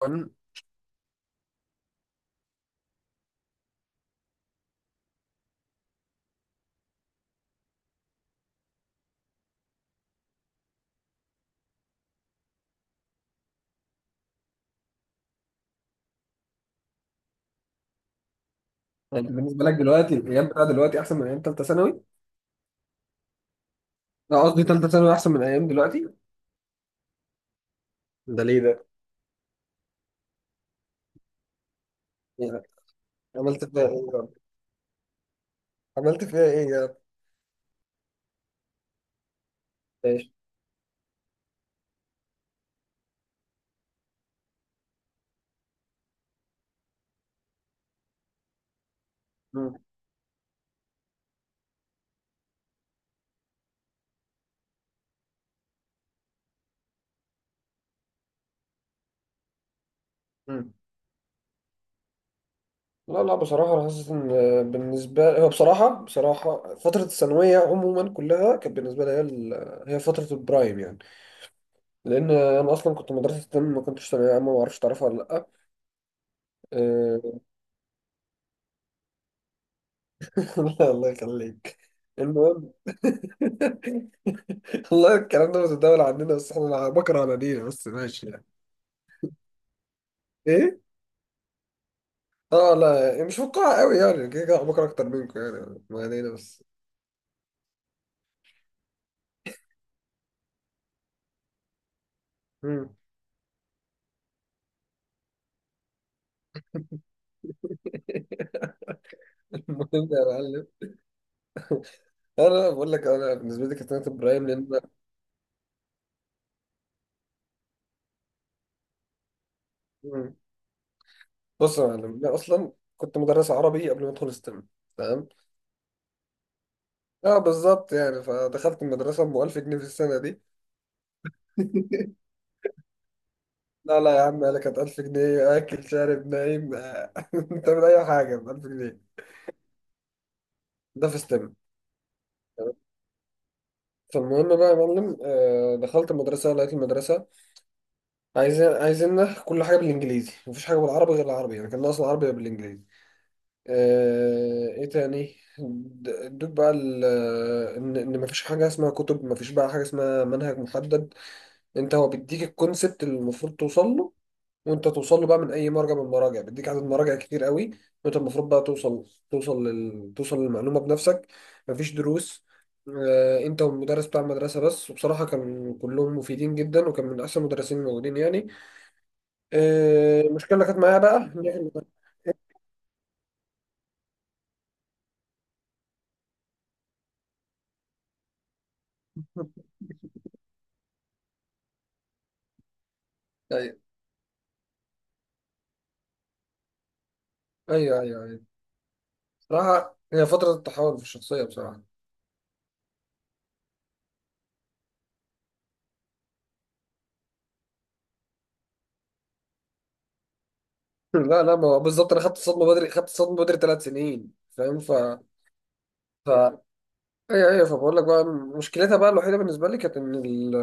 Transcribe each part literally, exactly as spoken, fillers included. طبعاً. يعني بالنسبة لك دلوقتي الأيام بتاع دلوقتي أحسن من أيام تالتة ثانوي؟ لا، قصدي تالتة ثانوي أحسن من أيام دلوقتي؟ ده ليه ده؟ يعني عملت فيها إيه يا رب؟ عملت فيها إيه يا رب؟ ماشي. مم. مم. لا، لا، بصراحة أنا حاسس إن بالنسبة هو بصراحة بصراحة فترة الثانوية عموما كلها كانت بالنسبة لي هي ال- هي فترة البرايم، يعني لأن أنا أصلا كنت مدرسة تم، ما كنتش ثانوية عامة، ما أعرفش تعرفها ولا لأ؟ أه، الله يخليك. المهم. والله الكلام ده متداول عندنا، بس احنا بكره انانينا، بس ماشي يعني. ايه. اه، لا، يعني مش فقاعة قوي، يعني كده كده بكره اكتر منكم، يعني ما علينا بس. مم. المهم يا معلم، انا بقول لك، انا بالنسبه لي كانت سنه ابراهيم، لان... مم. بص يا معلم، انا اصلا كنت مدرس عربي قبل ما ادخل ستيم. تمام. اه بالظبط، يعني فدخلت المدرسه ب ألف جنيه في السنه دي. لا، لا يا عم، انا كانت ألف جنيه، اكل شارب نايم. آه، تعمل اي حاجه ب ألف جنيه. ده في ستيم. فالمهم بقى يا معلم، آه، دخلت المدرسة، لقيت المدرسة عايزين عايزيننا كل حاجة بالإنجليزي، مفيش حاجة بالعربي، غير العربي يعني كان ناقص العربي بالإنجليزي. آه، إيه تاني؟ د- ادوك بقى ال- إن إن مفيش حاجة اسمها كتب، مفيش بقى حاجة اسمها منهج محدد. أنت هو بيديك الكونسبت اللي المفروض توصل له، وانت توصل له بقى من اي مرجع، من المراجع بيديك عدد مراجع كتير قوي، وانت المفروض بقى توصل، توصل لل... توصل للمعلومه بنفسك. مفيش دروس. آه، انت والمدرس بتاع المدرسه بس، وبصراحه كان كلهم مفيدين جدا، وكان من احسن المدرسين الموجودين يعني. آه، المشكله اللي كانت معايا بقى إن إحنا- ايوه، ايوه، ايوه، أيوة. بصراحه هي فتره التحول في الشخصيه، بصراحه. لا، لا، ما هو بالظبط انا خدت الصدمه بدري، خدت الصدمه بدري ثلاث سنين، فاهم؟ ف... ف... ايوه، ايوه، فبقول لك بقى، مشكلتها بقى الوحيده بالنسبه لي كانت ان ال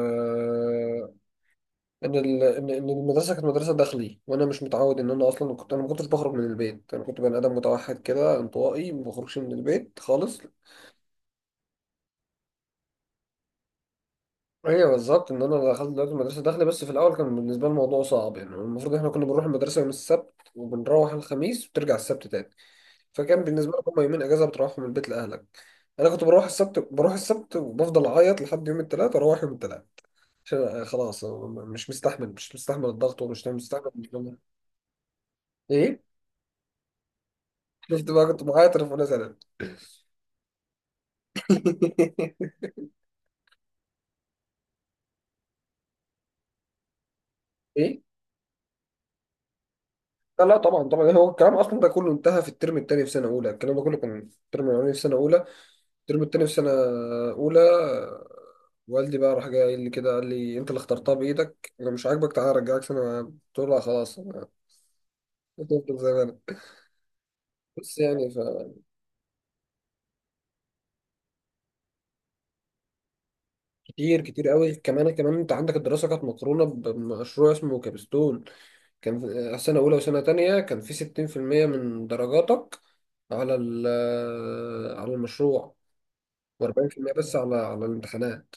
ان ال ان إن المدرسه كانت مدرسه داخلي، وانا مش متعود ان انا، اصلا كنت انا ما كنتش بخرج من البيت، انا كنت بني ادم متوحد كده، انطوائي، ما بخرجش من البيت خالص. ايوه بالظبط، ان انا دخلت دلوقتي مدرسه داخلي، بس في الاول كان بالنسبه لي الموضوع صعب يعني. المفروض احنا كنا بنروح المدرسه يوم السبت، وبنروح الخميس وبترجع السبت تاني. فكان بالنسبه لك هما يومين اجازه بتروحهم من البيت لاهلك. انا كنت بروح السبت، بروح السبت وبفضل اعيط لحد يوم الثلاث، اروح يوم الثلاث، عشان خلاص أنا م- مش مستحمل، مش مستحمل الضغط ومش مستحمل الكلام ده. ايه. شفت بقى، كنت معايا تليفون سنة. ايه. لا، لا، طبعا، طبعا، هو الكلام اصلا ده كله انتهى في الترم الثاني في سنه اولى. الكلام ده كله كان في الترم الاولاني في سنه اولى. الترم الثاني في سنه اولى، والدي بقى راح جاي قايل لي كده، قال لي انت اللي اخترتها بايدك، لو مش عاجبك تعالى ارجعك سنه، قلت له لا خلاص، أنا هتفضل زي ما انا، بس يعني... فكتير، كتير قوي، كمان كمان انت عندك الدراسه كانت مقرونه بمشروع اسمه كابستون. كان في سنة أولى وسنة تانية كان في ستين في المية من درجاتك على ال- آه، على المشروع، وأربعين في المية بس على على الامتحانات.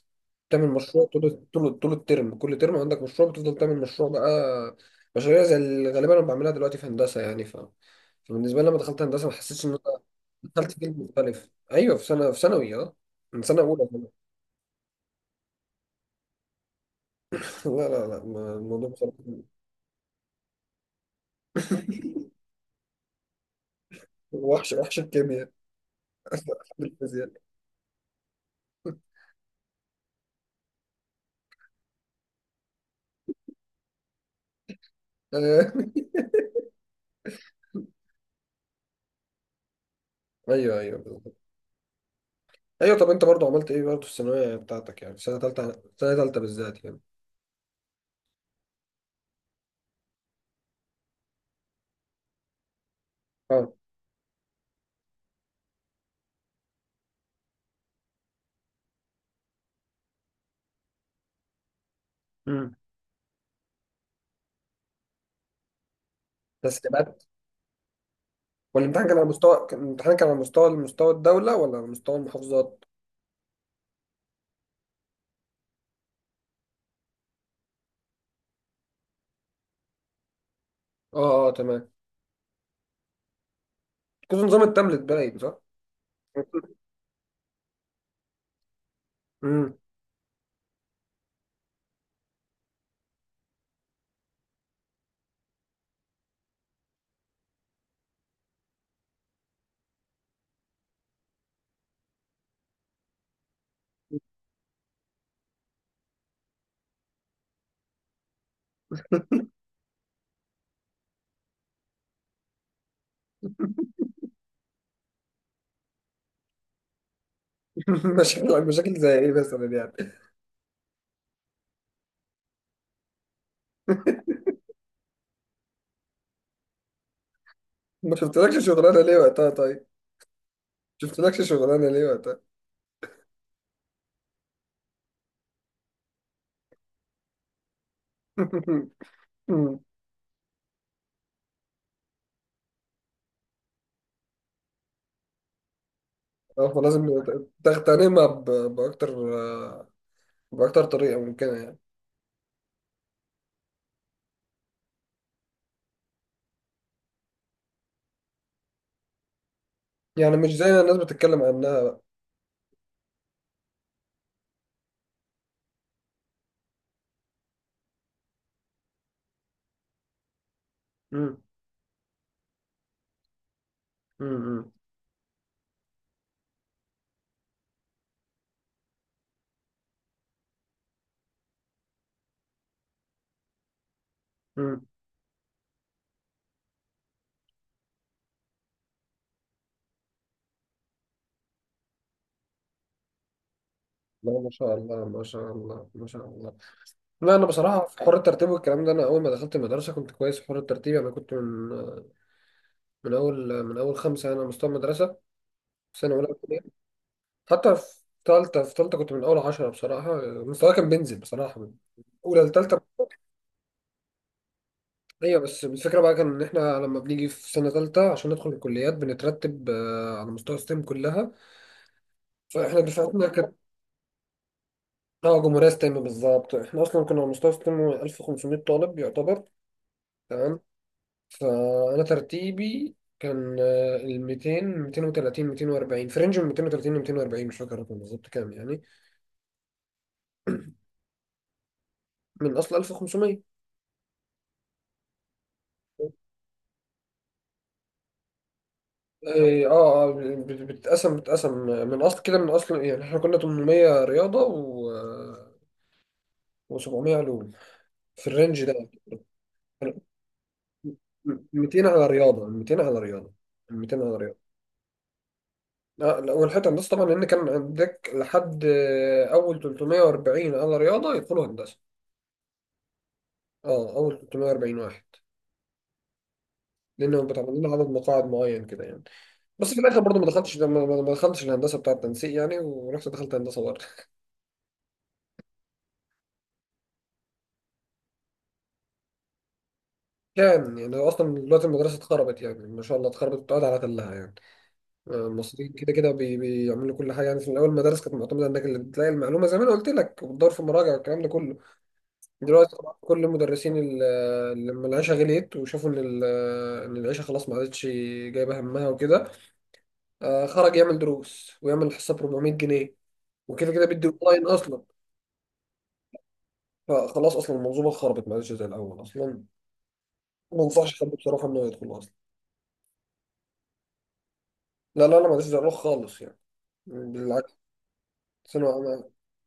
تعمل مشروع طول طول طول الترم، كل ترم عندك مشروع، بتفضل تعمل مشروع بقى، مشاريع زي اللي غالبا أنا بعملها دلوقتي في هندسة، يعني ف... فبالنسبة لي لما دخلت هندسة ما حسيتش إن أنا دخلت جيل مختلف. أيوه، في سنة في ثانوي، أه، من سنة أولى كمان. لا، لا، لا، ما- الموضوع بصراحة وحش، وحش الكيمياء، الفيزياء. أيوه، أيوه، ايوه. طب انت برضو عملت ايه برضو في الثانويه بتاعتك، يعني سنه ثالثه، سنه ثالثه بالذات يعني؟ اه. امم تسليمات؟ والامتحان كان على مستوى، كان- الامتحان كان على مستوى مستوى الدوله، ولا على مستوى المحافظات؟ اه، اه، تمام. كنت نظام التابلت باين، صح؟ امم. مشاكل، مشاكل زي ايه مثلا يعني؟ ما شفتلكش شغلانه ليه وقتها طيب؟ شفتلكش شغلانه ليه وقتها؟ أمم. اه، فلازم تغتنمها ب- باكتر باكتر طريقه ممكنه يعني. يعني مش زي ما الناس بتتكلم عنها، بقى. امم، امم. لا، ما شاء الله، ما شاء الله، ما شاء الله. لا، انا بصراحه في حوار الترتيب والكلام ده، انا اول ما دخلت المدرسه كنت كويس في حوار الترتيب، انا كنت من من اول من اول خمسه انا، مستوى المدرسه، في سنه اولى ابتدائي. حتى في ثالثه، في ثالثه كنت من اول عشرة بصراحه. مستواي كان بينزل بصراحه من اولى لثالثه. ايوه، بس الفكره بقى كان ان احنا لما بنيجي في سنه ثالثه عشان ندخل الكليات، بنترتب، آه، على مستوى ستيم كلها. فاحنا دفعتنا كانت، اه، جمهوريه ستيم بالظبط، احنا اصلا كنا على مستوى ستيم ألف وخمسمائة طالب يعتبر. تمام. فانا ترتيبي كان آه، ال ميتين مئتين وثلاثين ميتين واربعين، في رينج من مئتين وثلاثين ل ميتين واربعين، مش فاكر الرقم بالظبط كام يعني، من اصل ألف وخمسمائة. اه، اه، آه، بت- بتتقسم بتتقسم من اصل كده من اصل يعني، احنا كنا تمنمية رياضه و و700 علوم في الرينج ده يعني. ميتين على رياضه، ميتين على رياضه، ميتين على رياضه. لا، لا، والحته هندسه طبعا، لان كان عندك لحد آه، اول تلتمية واربعين على رياضه يدخلوا هندسه. اه، اول ثلاثمائة وأربعين واحد، لانهم بتعمل لنا عدد مقاعد معين كده يعني. بس في الاخر برضه ما دخلتش ما ما- ما دخلتش الهندسه بتاع التنسيق يعني، ورحت دخلت هندسه برضه. كان يعني، اصلا دلوقتي المدرسه اتخربت يعني، ما شاء الله، اتخربت واتقعد على تلها يعني. آه، المصريين كده كده بي- بيعملوا كل حاجه يعني. في الاول المدارس كانت معتمده انك اللي بتلاقي المعلومه زي ما انا قلت لك، وبتدور في المراجع والكلام ده كله. دلوقتي طبعاً كل المدرسين ال- اللي لما العيشه غليت، وشافوا ان ال- ان العيشه خلاص ما عادتش جايبه همها وكده، آه، خرج يعمل دروس، ويعمل حصه ب أربعمائة جنيه، وكده كده بيدي اونلاين اصلا. فخلاص اصلا المنظومه خربت، ما عادش زي الاول اصلا، ما انصحش حد بصراحه انه يدخل اصلا. لا، لا، لا، ما عادش زي الاول خالص يعني، بالعكس. السنه أنا-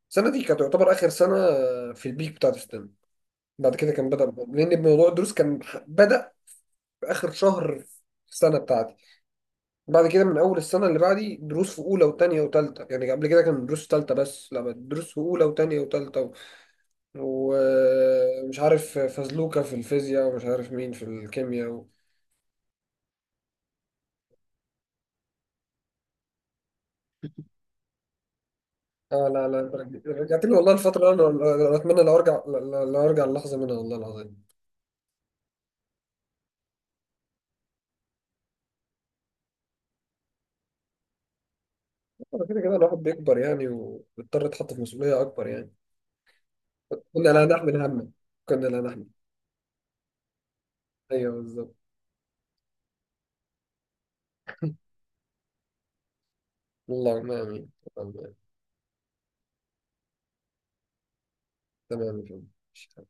السنه دي كانت تعتبر اخر سنه، آه، في البيك بتاعت السنه. بعد كده كان بدا، لان موضوع الدروس كان بدا في اخر شهر في السنه بتاعتي. بعد كده من اول السنه اللي بعدي دروس في اولى وثانيه وثالثه يعني. قبل كده كان دروس ثالثه بس، لا بقت دروس في اولى وثانيه وثالثه و- ومش عارف فزلوكه في الفيزياء، ومش عارف مين في الكيمياء. اه، لا، لا، رج- رجعت لي والله الفترة اللي انا اللي أنا اتمنى لو ارجع، لو ارجع اللحظة منها، والله العظيم. آه، كده كده الواحد بيكبر يعني، وبيضطر يتحط في مسؤولية اكبر يعني. كنا لا نحمل هم، كنا لا نحمل ايوه، بالظبط. اللهم امين. اللهم آمين. تمام يا فندم.